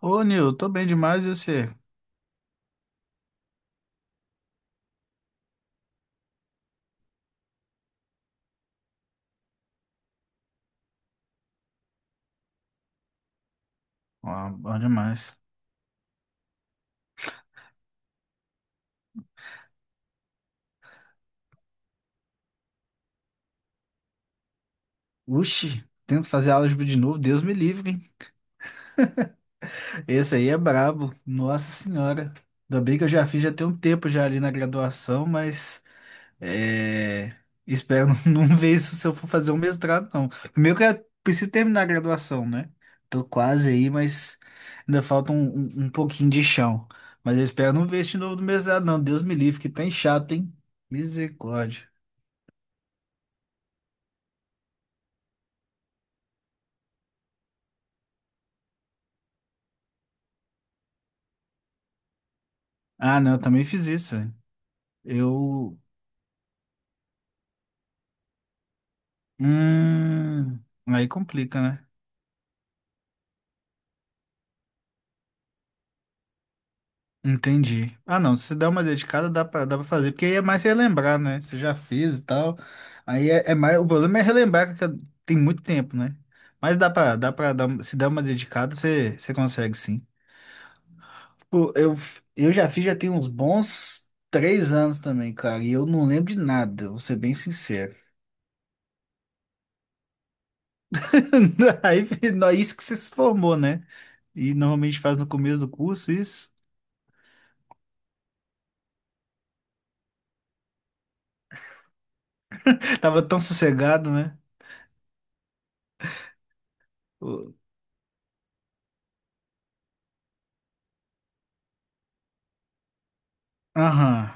Ô, Nil, tô bem demais e você? Ó, bom demais. Uxi, tento fazer álgebra de novo, Deus me livre, hein? Esse aí é brabo, nossa senhora. Ainda bem que eu já fiz já tem um tempo já ali na graduação, mas é, espero não ver isso se eu for fazer um mestrado, não. Primeiro que eu preciso terminar a graduação, né? Tô quase aí, mas ainda falta um pouquinho de chão. Mas eu espero não ver isso de novo do mestrado, não. Deus me livre, que tá chato, hein? Misericórdia. Ah, não, eu também fiz isso. Eu. Hum, aí complica, né? Entendi. Ah, não, se der uma dedicada, dá pra fazer, porque aí é mais relembrar, né? Você já fez e tal. Aí é, é mais. O problema é relembrar que tem muito tempo, né? Mas dá pra dar, se der uma dedicada, você consegue sim. Pô, eu, f- eu já fiz, já tem uns bons três anos também, cara, e eu não lembro de nada, vou ser bem sincero. Aí, fi- nó- isso que você se formou, né? E normalmente faz no começo do curso, isso. Tava tão sossegado, né? O- Aham.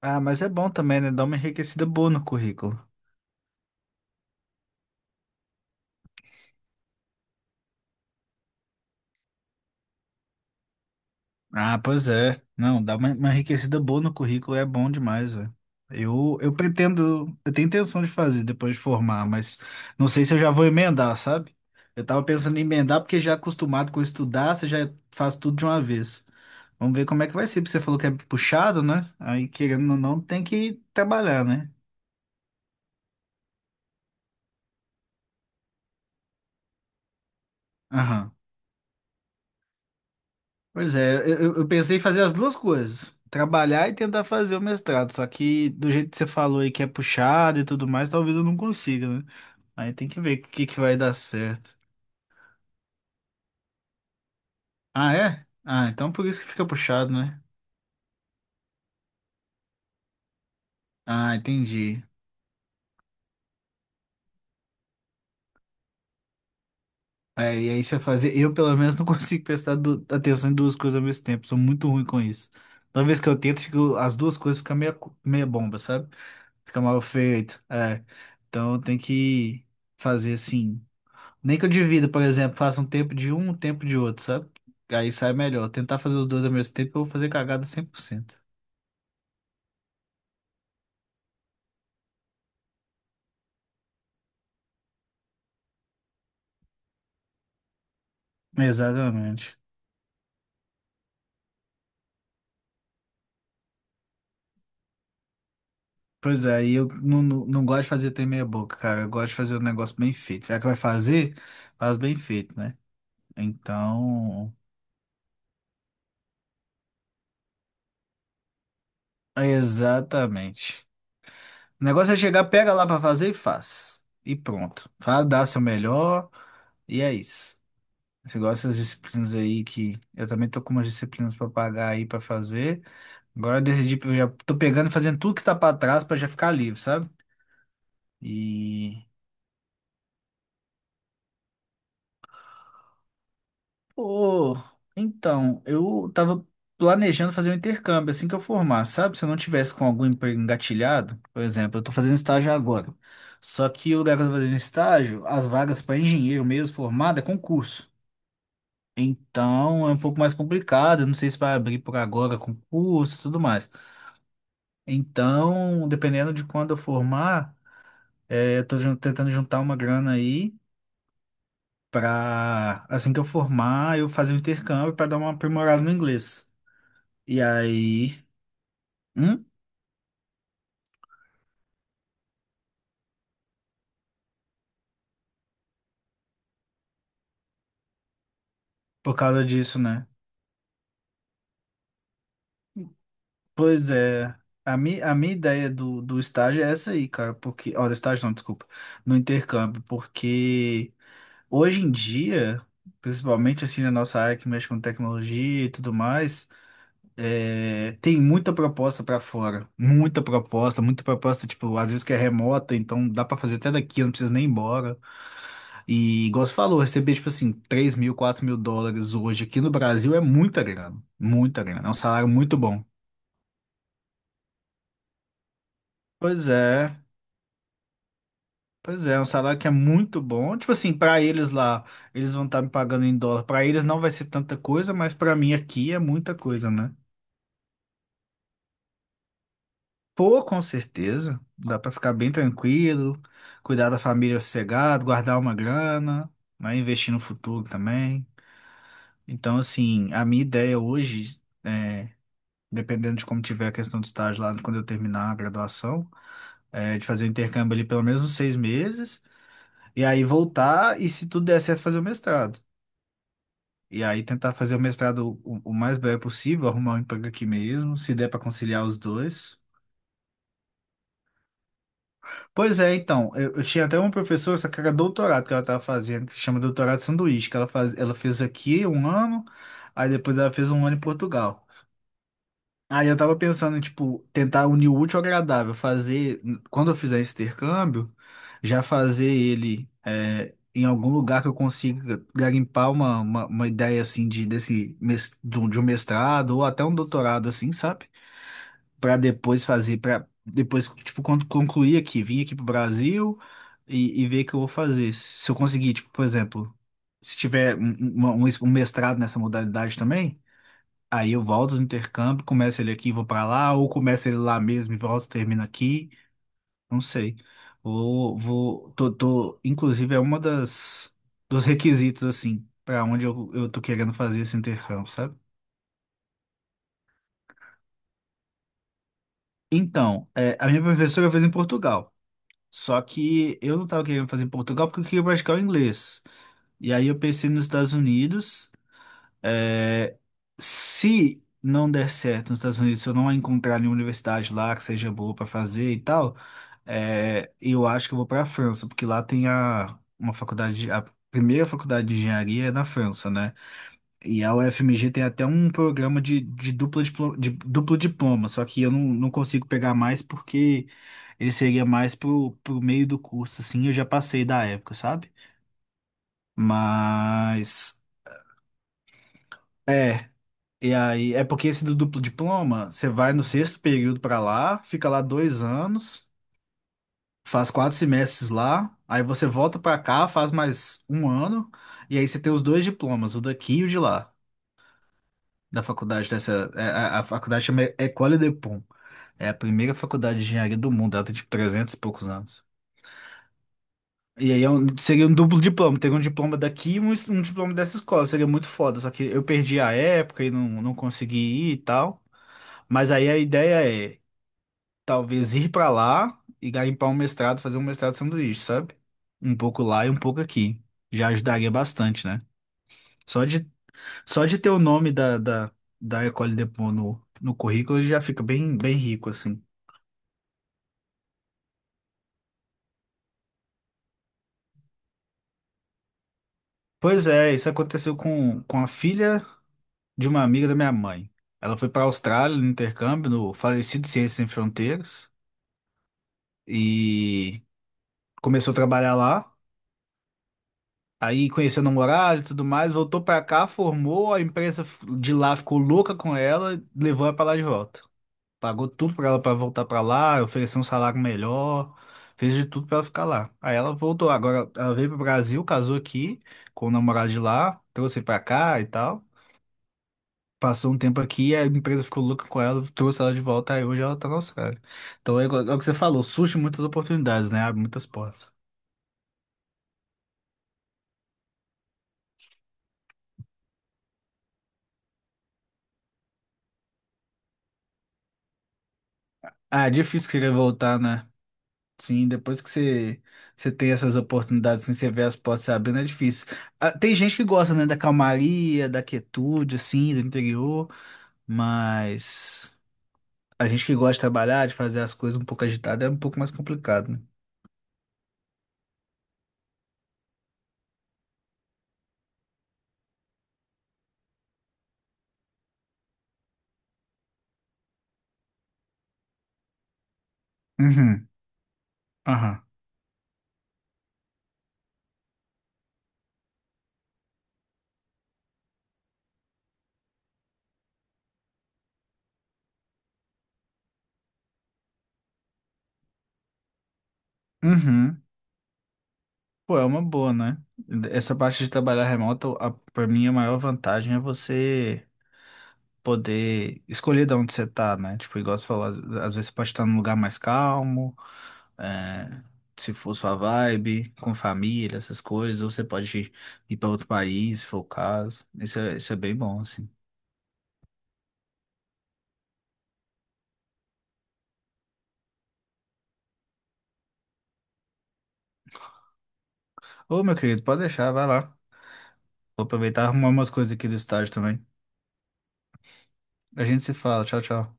Ah, mas é bom também, né? Dá uma enriquecida boa no currículo. Ah, pois é. Não, dá uma enriquecida boa no currículo é bom demais, velho. Eu pretendo, eu tenho intenção de fazer depois de formar, mas não sei se eu já vou emendar, sabe? Eu tava pensando em emendar porque já acostumado com estudar, você já faz tudo de uma vez. Vamos ver como é que vai ser, porque você falou que é puxado, né? Aí, querendo ou não, tem que trabalhar, né? Aham. Pois é, eu pensei em fazer as duas coisas, trabalhar e tentar fazer o mestrado, só que do jeito que você falou aí que é puxado e tudo mais, talvez eu não consiga, né? Aí tem que ver o que que vai dar certo. Ah, é? Ah, então por isso que fica puxado, né? Ah, entendi. É, e aí você fazer, eu pelo menos não consigo prestar du- atenção em duas coisas ao mesmo tempo, sou muito ruim com isso. Toda vez que eu tento, fico- as duas coisas ficam meia, co- meia bomba, sabe? Fica mal feito, é. Então tem que fazer assim. Nem que eu divida, por exemplo, faça um tempo de um, um tempo de outro, sabe? Aí sai melhor. Tentar fazer os dois ao mesmo tempo, eu vou fazer cagada cem por cento. Exatamente. Pois é, e eu não gosto de fazer ter meia boca, cara. Eu gosto de fazer um negócio bem feito. Já que vai fazer, faz bem feito, né? Então, exatamente. O negócio é chegar, pega lá pra fazer e faz. E pronto. Faz, dá seu melhor e é isso. Você gosta das disciplinas aí que eu também tô com umas disciplinas pra pagar aí pra fazer. Agora eu decidi, eu já tô pegando e fazendo tudo que tá pra trás pra já ficar livre, sabe? E pô, então, eu tava planejando fazer um intercâmbio assim que eu formar, sabe? Se eu não tivesse com algum emprego engatilhado, por exemplo, eu tô fazendo estágio agora. Só que o lugar que eu tô fazendo estágio, as vagas pra engenheiro mesmo formado é concurso. Então é um pouco mais complicado. Eu Não sei se vai abrir por agora concurso e tudo mais. Então, dependendo de quando eu formar, é, eu tô jun- tentando juntar uma grana aí para assim que eu formar, eu fazer um intercâmbio para dar uma aprimorada no inglês. E aí, hum, por causa disso, né? Pois é. A, mi, a minha ideia do estágio é essa aí, cara, porque. Ó, do estágio não, desculpa. No intercâmbio, porque. Hoje em dia, principalmente assim na nossa área que mexe com tecnologia e tudo mais, é, tem muita proposta para fora, muita proposta, tipo, às vezes que é remota, então dá para fazer até daqui, não precisa nem ir embora. E, igual você falou, receber, tipo assim, 3 mil, 4 mil dólares hoje aqui no Brasil é muita grana, é um salário muito bom. Pois é, pois é, é um salário que é muito bom. Tipo assim, para eles lá, eles vão estar me pagando em dólar. Para eles não vai ser tanta coisa, mas para mim aqui é muita coisa, né? Pô, com certeza. Dá pra ficar bem tranquilo, cuidar da família sossegado, guardar uma grana, né? Investir no futuro também. Então, assim, a minha ideia hoje é, dependendo de como tiver a questão do estágio lá quando eu terminar a graduação, é de fazer o intercâmbio ali pelo menos uns seis meses, e aí voltar e, se tudo der certo, fazer o mestrado. E aí tentar fazer o mestrado o mais breve possível, arrumar um emprego aqui mesmo, se der pra conciliar os dois. Pois é, então, eu tinha até uma professora, só que era doutorado que ela estava fazendo, que chama doutorado sanduíche, que ela, faz, ela fez aqui um ano, aí depois ela fez um ano em Portugal. Aí eu tava pensando em, tipo, tentar unir o útil ao agradável, fazer, quando eu fizer esse intercâmbio, já fazer ele é, em algum lugar que eu consiga garimpar uma ideia, assim, de, desse, mes- de um mestrado ou até um doutorado, assim, sabe? Para depois fazer, para depois, tipo, quando concluir aqui, vim aqui pro Brasil e ver o que eu vou fazer. Se eu conseguir, tipo, por exemplo, se tiver um es- um mestrado nessa modalidade também, aí eu volto do intercâmbio, começo ele aqui e vou para lá, ou começo ele lá mesmo e volto, termino aqui, não sei. Tô, inclusive é uma das, dos requisitos, assim, para onde eu tô querendo fazer esse intercâmbio, sabe? Então, é, a minha professora fez em Portugal. Só que eu não tava querendo fazer em Portugal porque eu queria praticar o inglês. E aí eu pensei nos Estados Unidos. É, se não der certo nos Estados Unidos, se eu não encontrar nenhuma universidade lá que seja boa para fazer e tal, é, eu acho que eu vou para a França, porque lá tem a, uma faculdade, de- a primeira faculdade de engenharia é na França, né? E a UFMG tem até um programa de, dupla diplo- de duplo diploma, só que eu não consigo pegar mais porque ele seria mais pro meio do curso, assim, eu já passei da época, sabe? Mas, é, e aí, é porque esse do duplo diploma, você vai no sexto período pra lá, fica lá dois anos, faz quatro semestres lá, aí você volta pra cá, faz mais um ano, e aí você tem os dois diplomas, o daqui e o de lá, da faculdade dessa, é, a faculdade chama École de. É a primeira faculdade de engenharia do mundo, ela tem tipo 300 e poucos anos. E aí é um- seria um duplo diploma, teria um diploma daqui e um, es- um diploma dessa escola, seria muito foda, só que eu perdi a época e não consegui ir e tal. Mas aí a ideia é talvez ir pra lá e garimpar um mestrado, fazer um mestrado de sanduíche, sabe? Um pouco lá e um pouco aqui. Já ajudaria bastante, né? Só de, só de ter o nome da École de Pau no currículo ele já fica bem, bem rico, assim. Pois é, isso aconteceu com a filha de uma amiga da minha mãe. Ela foi para a Austrália no intercâmbio, no falecido Ciências Sem Fronteiras, e começou a trabalhar lá. Aí conheceu o namorado e tudo mais, voltou para cá, formou, a empresa f- de lá ficou louca com ela, levou ela para lá de volta. Pagou tudo para ela para voltar para lá, ofereceu um salário melhor, fez de tudo para ela ficar lá. Aí ela voltou, agora ela veio para o Brasil, casou aqui com o namorado de lá, trouxe para cá e tal. Passou um tempo aqui, a empresa ficou louca com ela, trouxe ela de volta, aí hoje ela tá na Austrália. Então é, igual- é o que você falou, surge muitas oportunidades, né? Abre muitas portas. Ah, é difícil querer voltar, né? Sim, depois que você, você tem essas oportunidades, assim, você vê as portas se abrindo, é difícil. Ah, tem gente que gosta, né, da calmaria, da quietude, assim, do interior, mas a gente que gosta de trabalhar, de fazer as coisas um pouco agitada, é um pouco mais complicado, né? Uhum, aham, uhum. Pô, é uma boa, né? Essa parte de trabalhar remoto, a, pra mim, a maior vantagem é você poder escolher de onde você tá, né? Tipo, igual você falou, às vezes você pode estar num lugar mais calmo, é, se for sua vibe, com família, essas coisas, ou você pode ir pra outro país, se for o caso. Isso é bem bom, assim. Ô, meu querido, pode deixar, vai lá. Vou aproveitar e arrumar umas coisas aqui do estádio também. A gente se fala, tchau, tchau.